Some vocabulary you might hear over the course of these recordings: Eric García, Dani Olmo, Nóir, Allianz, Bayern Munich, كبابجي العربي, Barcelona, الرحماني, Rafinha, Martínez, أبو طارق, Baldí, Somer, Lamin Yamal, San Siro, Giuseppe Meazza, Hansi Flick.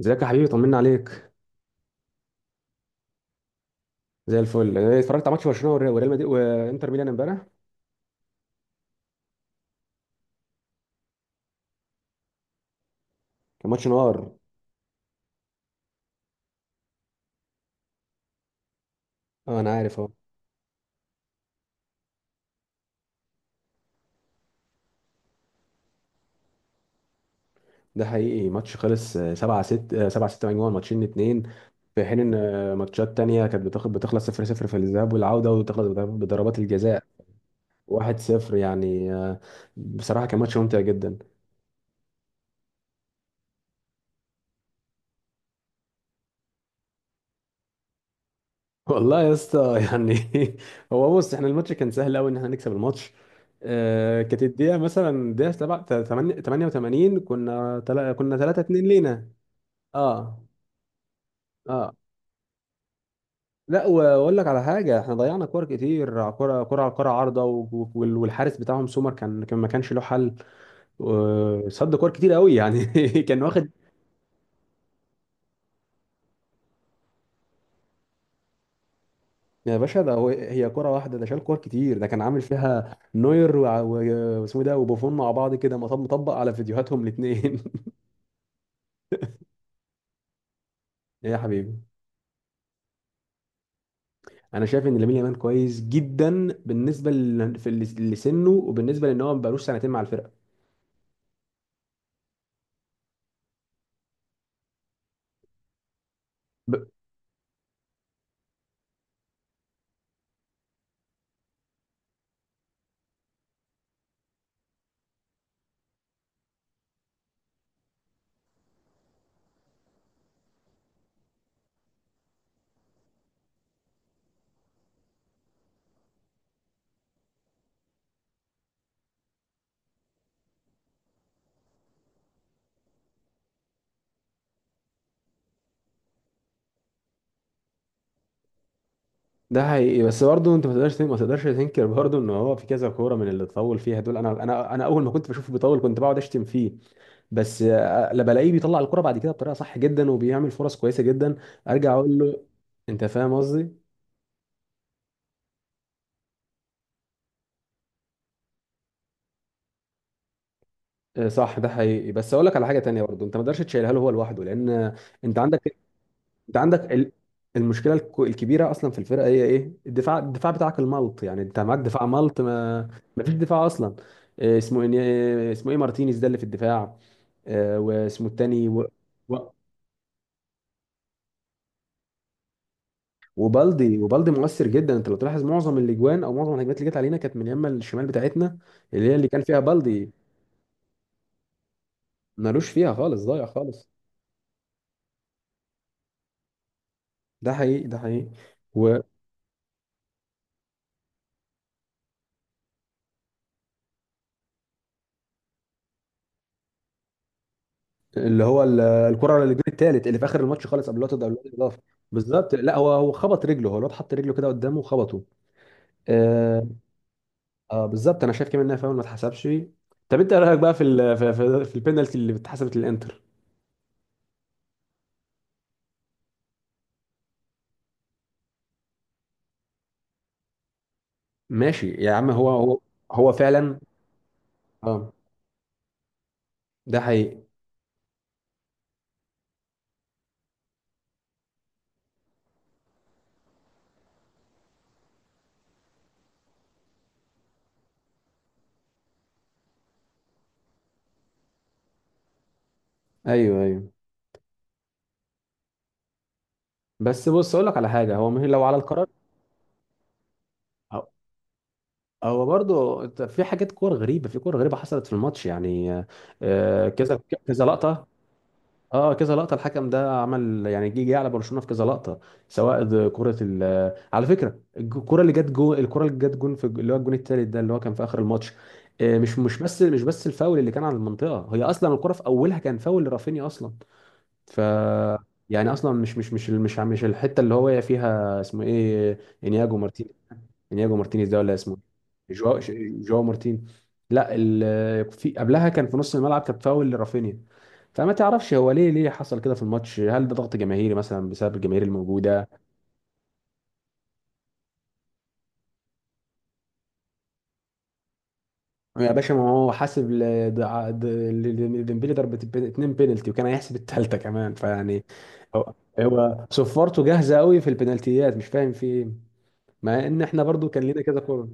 ازيك يا حبيبي، طمنا عليك. زي الفل. انا اتفرجت على ماتش برشلونه والريال وريال مدريد وانتر ميلان امبارح. كان ماتش نار. اه، انا عارف اهو. ده حقيقي، ماتش خلص 7-6 7-6، مجموعه ماتشين اتنين. في حين ان ماتشات تانية كانت بتخلص 0-0 في الذهاب والعوده، وتخلص بضربات الجزاء 1-0 يعني، بصراحه كان ماتش ممتع جدا. والله يا اسطى يعني هو بص، احنا الماتش كان سهل قوي ان احنا نكسب الماتش. كانت الدقيقه مثلا، الدقيقه 88، كنا كنا 3-2 لينا. اه اه. لا، واقول لك على حاجه: احنا ضيعنا كور كتير، كره كره على كره، عارضه، والحارس بتاعهم سومر كان ما كانش له حل، صد كور كتير قوي يعني كان واخد. يا باشا، هي كره واحده، ده شال كور كتير. ده كان عامل فيها نوير واسمه إيه ده، وبوفون مع بعض كده، مطبق على فيديوهاتهم الاثنين. ايه يا حبيبي؟ انا شايف ان لامين يامال كويس جدا، بالنسبه لسنه، وبالنسبه لان هو ما بقالوش سنتين مع الفرقه. ب- ده حقيقي، بس برضه انت ما تقدرش تنكر برضه ان هو في كذا كوره من اللي اتطول فيها دول. انا اول ما كنت بشوفه بيطول كنت بقعد اشتم فيه، بس لا، بلاقيه بيطلع الكرة بعد كده بطريقه صح جدا وبيعمل فرص كويسه جدا. ارجع اقول له. انت فاهم قصدي؟ صح، ده حقيقي، بس اقول لك على حاجه تانية برضه: انت ما تقدرش تشيلها له هو لوحده، لان انت عندك، انت عندك المشكله الكبيره اصلا في الفرقه هي ايه؟ الدفاع، الدفاع بتاعك الملط. يعني انت معاك دفاع ملط، ما ما فيش دفاع اصلا. إيه اسمه، ايه اسمه، ايه مارتينيز ده اللي في الدفاع؟ واسمه التاني و... وبالدي. وبالدي مؤثر جدا. انت لو تلاحظ معظم الاجوان او معظم الهجمات اللي جت علينا كانت من يمه الشمال بتاعتنا، اللي هي اللي كان فيها بالدي. ملوش فيها خالص، ضايع خالص. ده حقيقي، ده حقيقي. و... اللي هو الكره اللي الجون الثالث اللي في اخر الماتش خالص، قبل الوقت، ده قبل الوقت الاضافي، بالظبط. لا، هو خبط رجله، هو الواد حط رجله كده قدامه وخبطه. آه, اه بالظبط، انا شايف كمان انها فاول ما اتحسبش. طب انت إيه رايك بقى في البينالتي اللي اتحسبت للانتر؟ ماشي يا عم، هو هو فعلا. اه، ده حقيقي. ايوه ايوه. بس بص، اقول لك على حاجه هو مهم لو على القرار. هو هو برضه في حاجات، كور غريبه، في كور غريبه حصلت في الماتش يعني، كذا، كذا لقطه. اه، كذا لقطه، الحكم ده عمل يعني جه على برشلونه في كذا لقطه، سواء ده كره ال... على فكره الكره اللي جت جون، الكره اللي جت جون في اللي هو الجون الثالث ده اللي هو كان في اخر الماتش. مش بس الفاول اللي كان على المنطقه، هي اصلا الكره في اولها كان فاول لرافينيا اصلا. ف يعني اصلا مش الحته اللي هو واقع فيها اسمه ايه، انياجو مارتينيز، انياجو مارتينيز ده ولا اسمه إيه؟ جواو مارتين. لا، في قبلها كان في نص الملعب كان فاول لرافينيا. فما تعرفش هو ليه حصل كده في الماتش؟ هل ده ضغط جماهيري مثلا بسبب الجماهير الموجوده؟ يا باشا، ما هو حاسب ديمبلي ضربة اتنين بينالتي، وكان هيحسب التالتة كمان، فيعني. هو هو صفارته جاهزه قوي في البنالتيات، مش فاهم في ايه. مع ان احنا برضو كان لينا كذا كوره.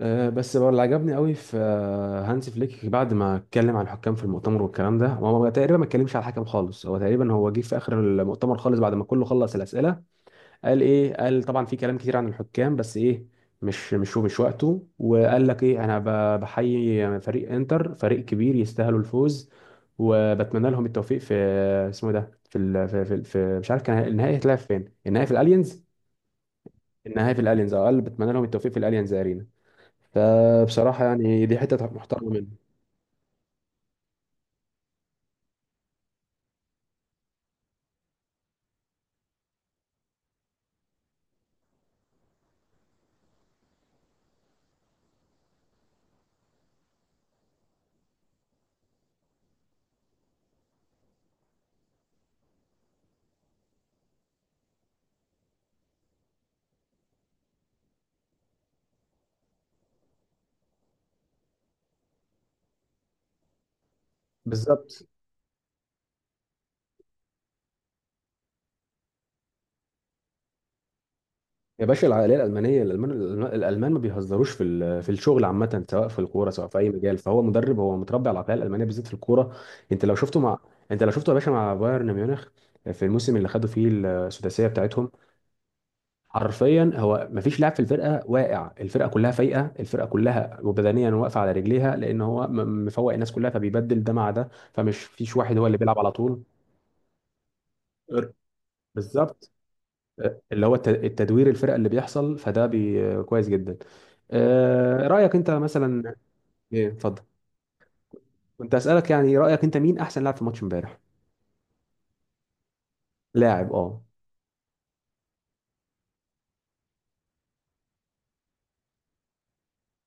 أه، بس بقى اللي عجبني قوي في هانسي فليك بعد ما اتكلم عن الحكام في المؤتمر والكلام ده، هو تقريبا ما اتكلمش على الحكم خالص. هو تقريبا جه في اخر المؤتمر خالص بعد ما كله خلص الاسئله. قال ايه؟ قال طبعا في كلام كتير عن الحكام، بس ايه، مش وقته. وقال لك ايه، انا بحيي فريق انتر، فريق كبير يستاهلوا الفوز، وبتمنى لهم التوفيق في، اسمه إيه ده، في مش عارف، كان النهائي هيتلعب فين؟ النهائي في الالينز. النهائي في الالينز، اه. قال بتمنى لهم التوفيق في الالينز ارينا. فبصراحه يعني دي حته محترمه منه. بالظبط يا باشا، العقليه الالمانيه، الالمان ما بيهزروش في في الشغل عامه، سواء في الكوره سواء في اي مجال. فهو مدرب، هو متربي على العقليه الالمانيه بالذات في الكوره. انت لو شفته مع، انت لو شفته يا باشا مع بايرن ميونخ في الموسم اللي خدوا فيه السداسيه بتاعتهم، حرفيا هو ما فيش لاعب في الفرقه واقع، الفرقه كلها فايقه، الفرقه كلها وبدنيا واقفه على رجليها، لان هو مفوق الناس كلها، فبيبدل ده مع ده، فمش فيش واحد هو اللي بيلعب على طول. بالظبط، اللي هو التدوير، الفرق اللي بيحصل فده بي كويس جدا. رأيك انت مثلا؟ ايه، اتفضل. كنت أسألك يعني رأيك انت مين احسن لاعب في ماتش امبارح؟ لاعب، اه.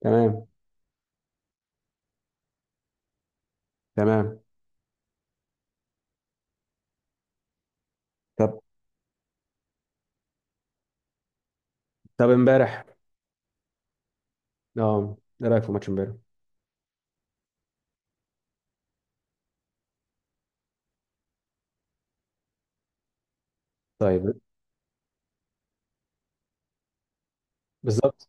تمام. تمام طب، امبارح. اه، ايه رأيك في ماتش امبارح؟ طيب. بالظبط.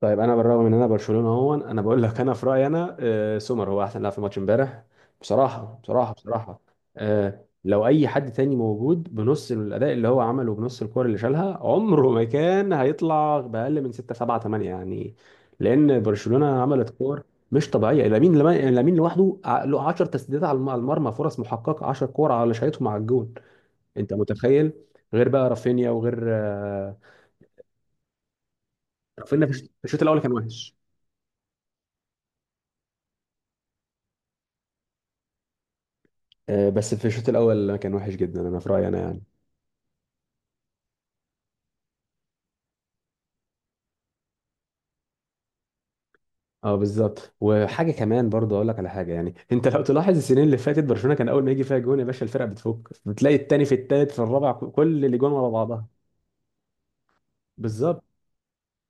طيب انا بالرغم ان انا برشلونه اهو، انا بقول لك انا في رايي انا سومر هو احسن لاعب في الماتش امبارح. بصراحه، بصراحه، بصراحه. لو اي حد تاني موجود بنص الاداء اللي هو عمله، بنص الكور اللي شالها، عمره ما كان هيطلع باقل من 6 7 8 يعني. لان برشلونه عملت كور مش طبيعيه، لامين لامين لوحده له 10 تسديدات على على المرمى، فرص محققه، 10 كور على شايتهم على الجون. انت متخيل؟ غير بقى رافينيا، وغير رافينيا في في الشوط الأول كان وحش. بس في الشوط الاول كان وحش جدا انا في رايي انا يعني. اه بالظبط. وحاجه كمان برضه اقول لك على حاجه: يعني انت لو تلاحظ السنين اللي فاتت، برشلونه كان اول ما يجي فيها جون يا باشا الفرقه بتفك، بتلاقي التاني في التالت في الرابع، كل اللي جون ورا بعضها. بالظبط.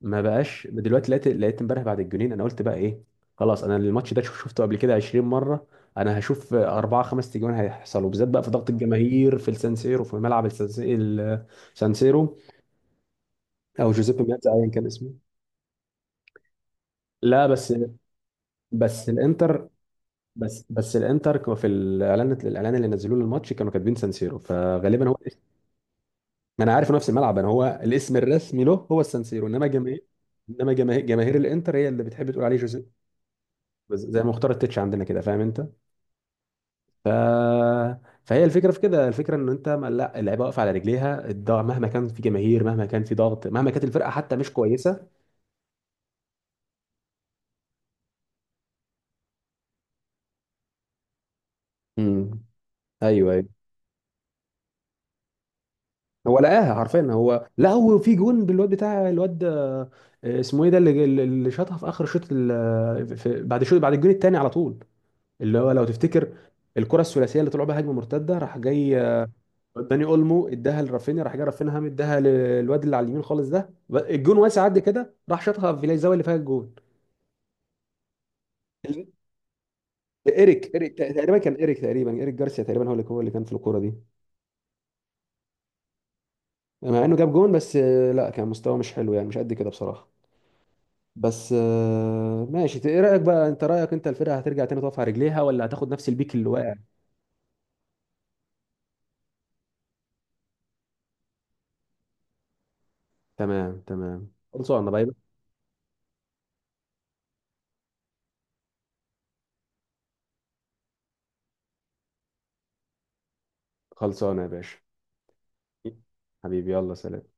ما بقاش دلوقتي، لقيت امبارح بعد الجونين، انا قلت بقى ايه، خلاص، انا الماتش ده شفته قبل كده 20 مره. انا هشوف اربعه خمس تجوان هيحصلوا، بالذات بقى في ضغط الجماهير في السانسيرو، في ملعب السانسيرو، السانسيرو، او جوزيبي مياتزا ايا كان اسمه. لا بس، بس الانتر بس الانتر في الاعلان، الاعلان اللي نزلوه للماتش كانوا كاتبين سانسيرو، فغالبا هو الاسم. ما انا عارف إنه نفس الملعب، انا هو الاسم الرسمي له هو السانسيرو، انما جماهير، جماهير الانتر هي اللي بتحب تقول عليه جوزيه. بس زي مختار التتش عندنا كده، فاهم انت؟ ف... فهي الفكره في كده، الفكره ان انت، لا، اللعيبه واقفه على رجليها، الضغط مهما كان، في جماهير مهما كان، في ضغط مهما كانت الفرقه حتى مش كويسه. امم ايوه، أيوة. هو لقاها حرفيا. هو، لا، هو في جون بالواد بتاع الواد، اسمه ايه ده اللي، اللي شاطها في اخر بعد شوط، بعد الجون الثاني على طول. اللي هو لو تفتكر، الكره الثلاثيه اللي طلعوا بها هجمه مرتده، راح جاي داني اولمو اداها لرافينيا، راح جاي رافينيا هم اداها للواد اللي على اليمين خالص، ده الجون واسع قد كده، راح شاطها في الزاويه اللي فيها الجون. ايريك تقريبا، كان ايريك تقريبا، ايريك جارسيا تقريبا هو اللي اللي كان في الكوره دي. مع انه جاب جون بس لا، كان مستواه مش حلو يعني، مش قد كده بصراحه. بس ماشي، ايه رأيك بقى انت، رأيك انت، الفرقة هترجع تاني تقف على رجليها، ولا هتاخد نفس البيك اللي واقع؟ تمام، تمام، خلصانة بقى. خلصانة يا باشا، حبيبي، يلا سلام.